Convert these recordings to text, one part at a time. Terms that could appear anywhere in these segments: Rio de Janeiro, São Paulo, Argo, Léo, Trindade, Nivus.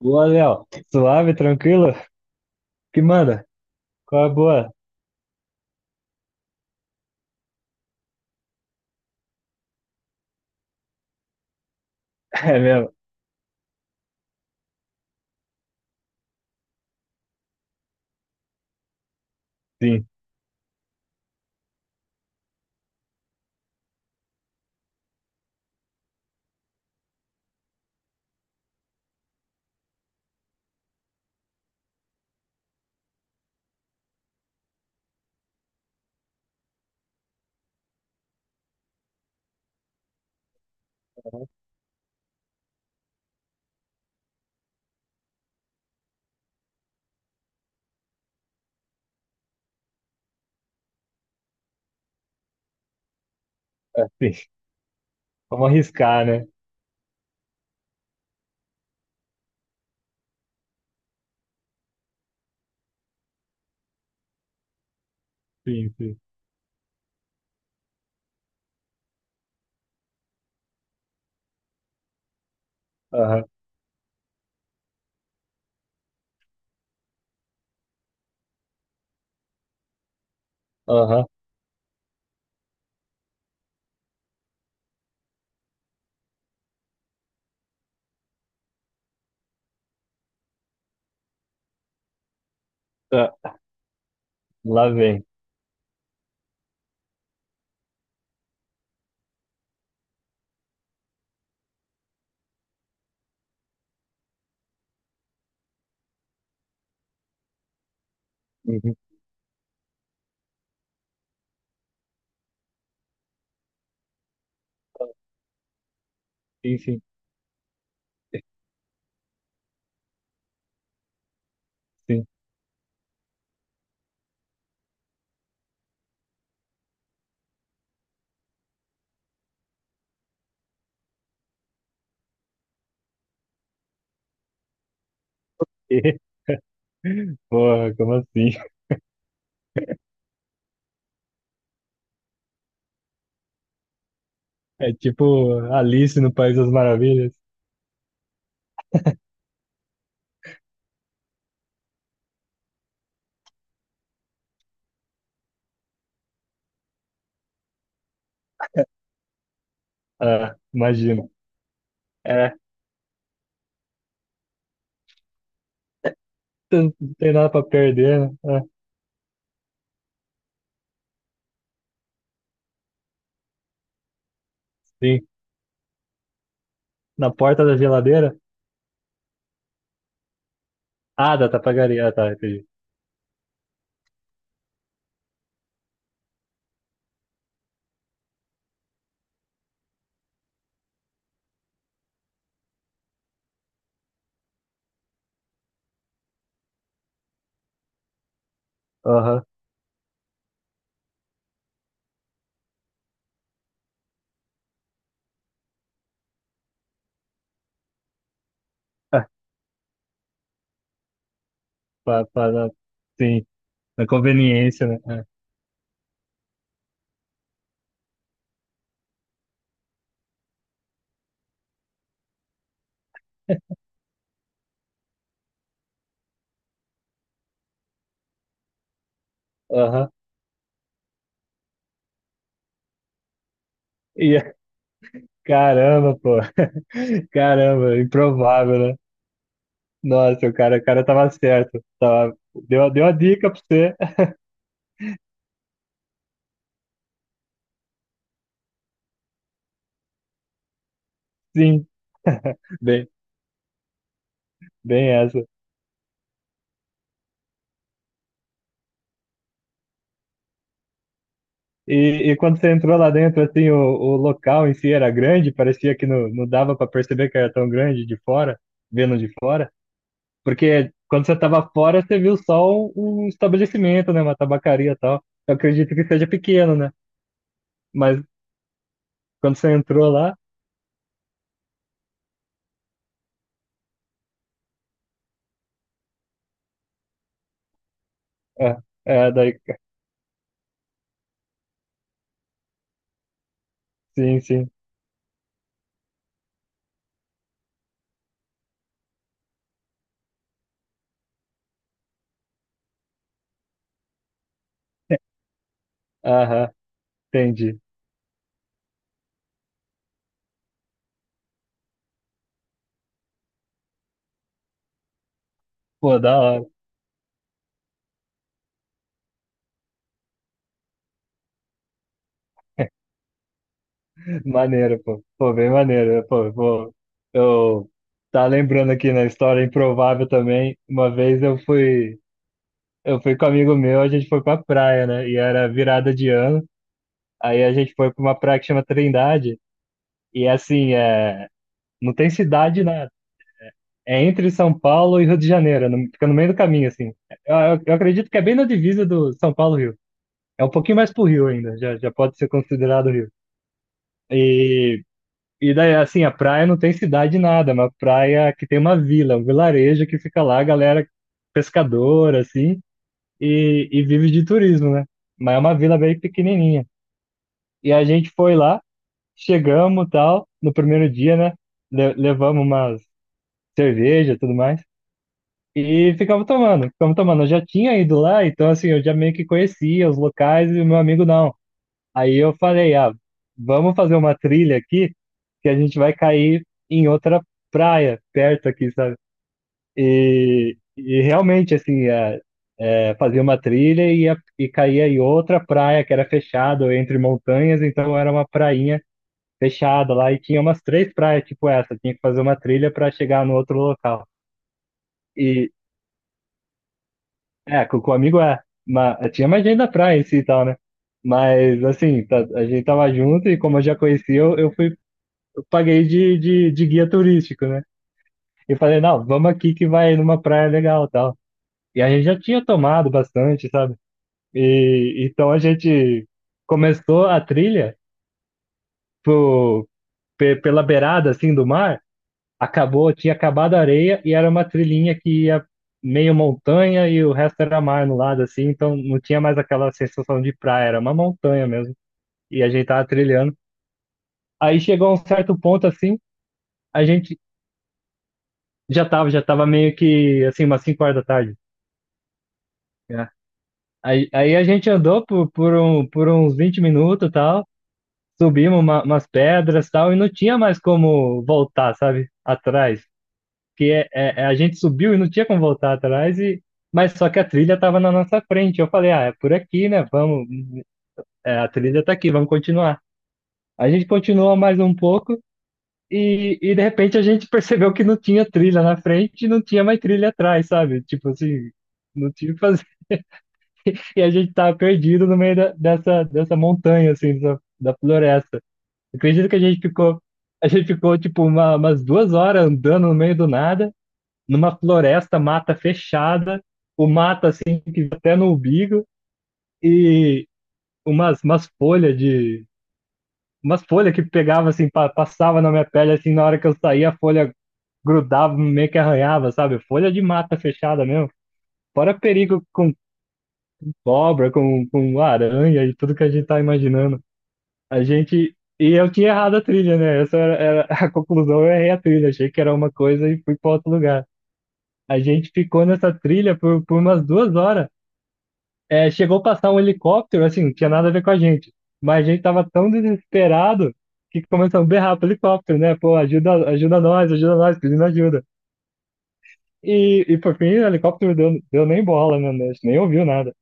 Boa, Léo. Suave, tranquilo? Que manda? Qual é a boa? É mesmo? Sim, é, sim. Vamos arriscar, né? Sim, sim. Aham, aham. Tá. Lá vem. Uhum. Sim, sim, sim. Porra, como assim? É tipo Alice no País das Maravilhas? Ah, imagina. É, não tem nada pra perder, né? Ah, sim. Na porta da geladeira? Ah, da tapagaria. Ah, tá, entendi. Aham. Ah, pa- pa- na- sim, na conveniência, né? É. Aham. E, caramba, pô. Caramba, improvável, né? Nossa, o cara tava certo. Tava, deu a dica pra você. Sim, bem, bem essa. E quando você entrou lá dentro, assim, o local em si era grande, parecia que não dava pra perceber que era tão grande de fora, vendo de fora. Porque quando você tava fora, você viu só um estabelecimento, né? Uma tabacaria e tal. Eu acredito que seja pequeno, né? Mas quando você entrou lá, é, é daí, sim, sim. Aham, entendi. Pô, da hora. Maneiro, pô. Pô, bem maneiro. Pô, pô. Eu tá lembrando aqui na história improvável também. Uma vez eu fui com um amigo meu, a gente foi pra praia, né? E era virada de ano. Aí a gente foi pra uma praia que chama Trindade. E assim, é, não tem cidade nada. É entre São Paulo e Rio de Janeiro, fica no meio do caminho, assim. Eu acredito que é bem na divisa do São Paulo-Rio. É um pouquinho mais pro Rio ainda, já pode ser considerado Rio. E E daí, assim, a praia não tem cidade nada, é uma praia que tem uma vila, um vilarejo que fica lá, a galera pescadora, assim, e vive de turismo, né? Mas é uma vila bem pequenininha. E a gente foi lá, chegamos tal, no primeiro dia, né? Levamos umas cerveja e tudo mais, e ficamos tomando, ficamos tomando. Eu já tinha ido lá, então, assim, eu já meio que conhecia os locais e o meu amigo não. Aí eu falei, ah, vamos fazer uma trilha aqui que a gente vai cair em outra praia perto aqui, sabe? E realmente, assim, fazia uma trilha e, e caía em outra praia que era fechada entre montanhas, então era uma prainha fechada lá e tinha umas três praias tipo essa, tinha que fazer uma trilha para chegar no outro local. E, é, com o amigo é, mas tinha mais gente da praia em si e tal, né? Mas, assim, a gente tava junto e como eu já conhecia, eu fui eu paguei de guia turístico, né? E falei, não, vamos aqui que vai numa praia legal e tal. E a gente já tinha tomado bastante, sabe? E então a gente começou a trilha pro, pela beirada assim do mar, acabou, tinha acabado a areia e era uma trilhinha que ia meio montanha e o resto era mar no lado assim, então não tinha mais aquela sensação de praia, era uma montanha mesmo. E a gente tava trilhando. Aí chegou a um certo ponto assim, a gente já tava meio que assim, umas 5 horas da tarde, né? Aí a gente andou por uns 20 minutos e tal, subimos umas pedras e tal, e não tinha mais como voltar, sabe? Atrás. Porque a gente subiu e não tinha como voltar atrás, e, mas só que a trilha tava na nossa frente. Eu falei, ah, é por aqui, né? Vamos, é, a trilha tá aqui, vamos continuar. A gente continuou mais um pouco. E de repente a gente percebeu que não tinha trilha na frente e não tinha mais trilha atrás, sabe? Tipo assim, não tinha o que fazer. E a gente tava perdido no meio dessa montanha, assim, da floresta. Acredito que a gente ficou, tipo, umas 2 horas andando no meio do nada, numa floresta, mata fechada, o mato, assim, que até no umbigo, e umas folhas de... Umas folhas que pegava, assim, passava na minha pele, assim, na hora que eu saía, a folha grudava, meio que arranhava, sabe? Folha de mata fechada mesmo. Fora perigo com cobra, com aranha e tudo que a gente tá imaginando. A gente. E eu tinha errado a trilha, né? Essa era, era a conclusão, eu errei a trilha. Achei que era uma coisa e fui para outro lugar. A gente ficou nessa trilha por umas 2 horas. É, chegou a passar um helicóptero, assim, não tinha nada a ver com a gente. Mas a gente tava tão desesperado que começamos a berrar pro helicóptero, né? Pô, ajuda, ajuda nós, pedindo ajuda. E por fim, o helicóptero deu nem bola, né? A gente nem ouviu nada.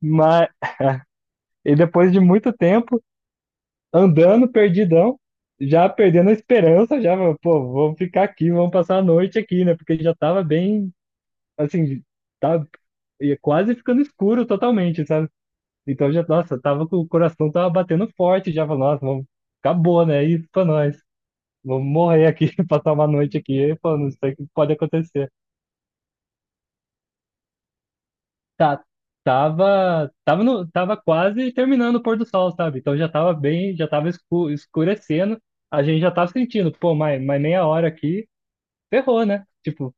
Mas, e depois de muito tempo, andando perdidão, já perdendo a esperança, já, pô, vamos ficar aqui, vamos passar a noite aqui, né? Porque já tava bem, assim, tava ia quase ficando escuro totalmente, sabe? Então já, nossa, tava com o coração tava batendo forte, já falou, nossa, vamos, acabou, né? É isso pra nós. Vamos morrer aqui, passar uma noite aqui, pô, não sei o que pode acontecer. Tá, tava, tava no, tava quase terminando o pôr do sol, sabe? Então já tava bem, já tava escurecendo. A gente já tava sentindo, pô, mais meia hora aqui ferrou, né? Tipo,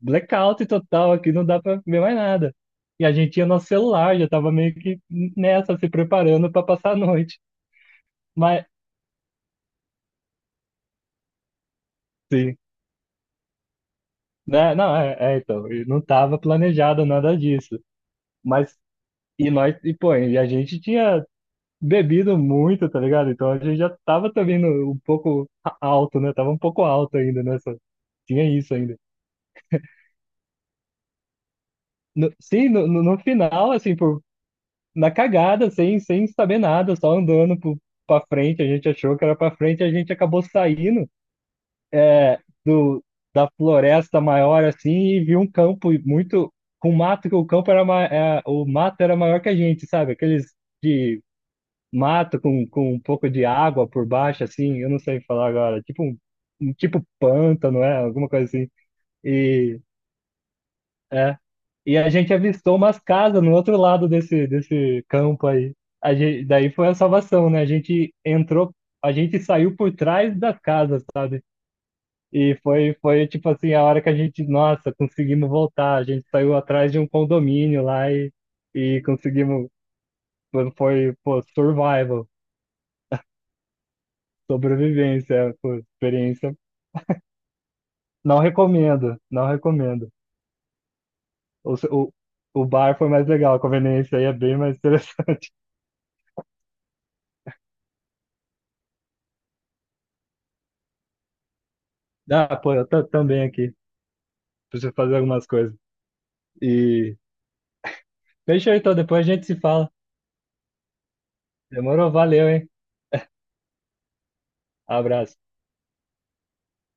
blackout total aqui, não dá pra ver mais nada. E a gente tinha nosso celular, já tava meio que nessa, se preparando pra passar a noite. Mas, sim, né? Não, é, então, e não tava planejado nada disso. Mas, e nós, e pô, e a gente tinha bebido muito, tá ligado? Então a gente já tava também um pouco alto, né? Tava um pouco alto ainda nessa. Tinha isso ainda. Sim, no final, assim, por na cagada, sem saber nada, só andando pra frente. A gente achou que era pra frente, a gente acabou saindo é, da floresta maior assim e viu um campo muito. Com mato, que o campo era. É, o mato era maior que a gente, sabe? Aqueles de mato com um pouco de água por baixo, assim, eu não sei falar agora. Um tipo pântano, é? Alguma coisa assim. E. É. E a gente avistou umas casas no outro lado desse campo aí. A gente, daí foi a salvação, né? A gente entrou, a gente saiu por trás das casas, sabe? E foi tipo assim, a hora que a gente, nossa, conseguimos voltar. A gente saiu atrás de um condomínio lá e conseguimos. Foi, pô, survival, sobrevivência, pô, experiência. Não recomendo, não recomendo. O, o bar foi mais legal, a conveniência aí é bem mais interessante. Ah, pô, eu tô também aqui. Preciso fazer algumas coisas. E fechou então, depois a gente se fala. Demorou, valeu, hein? Abraço.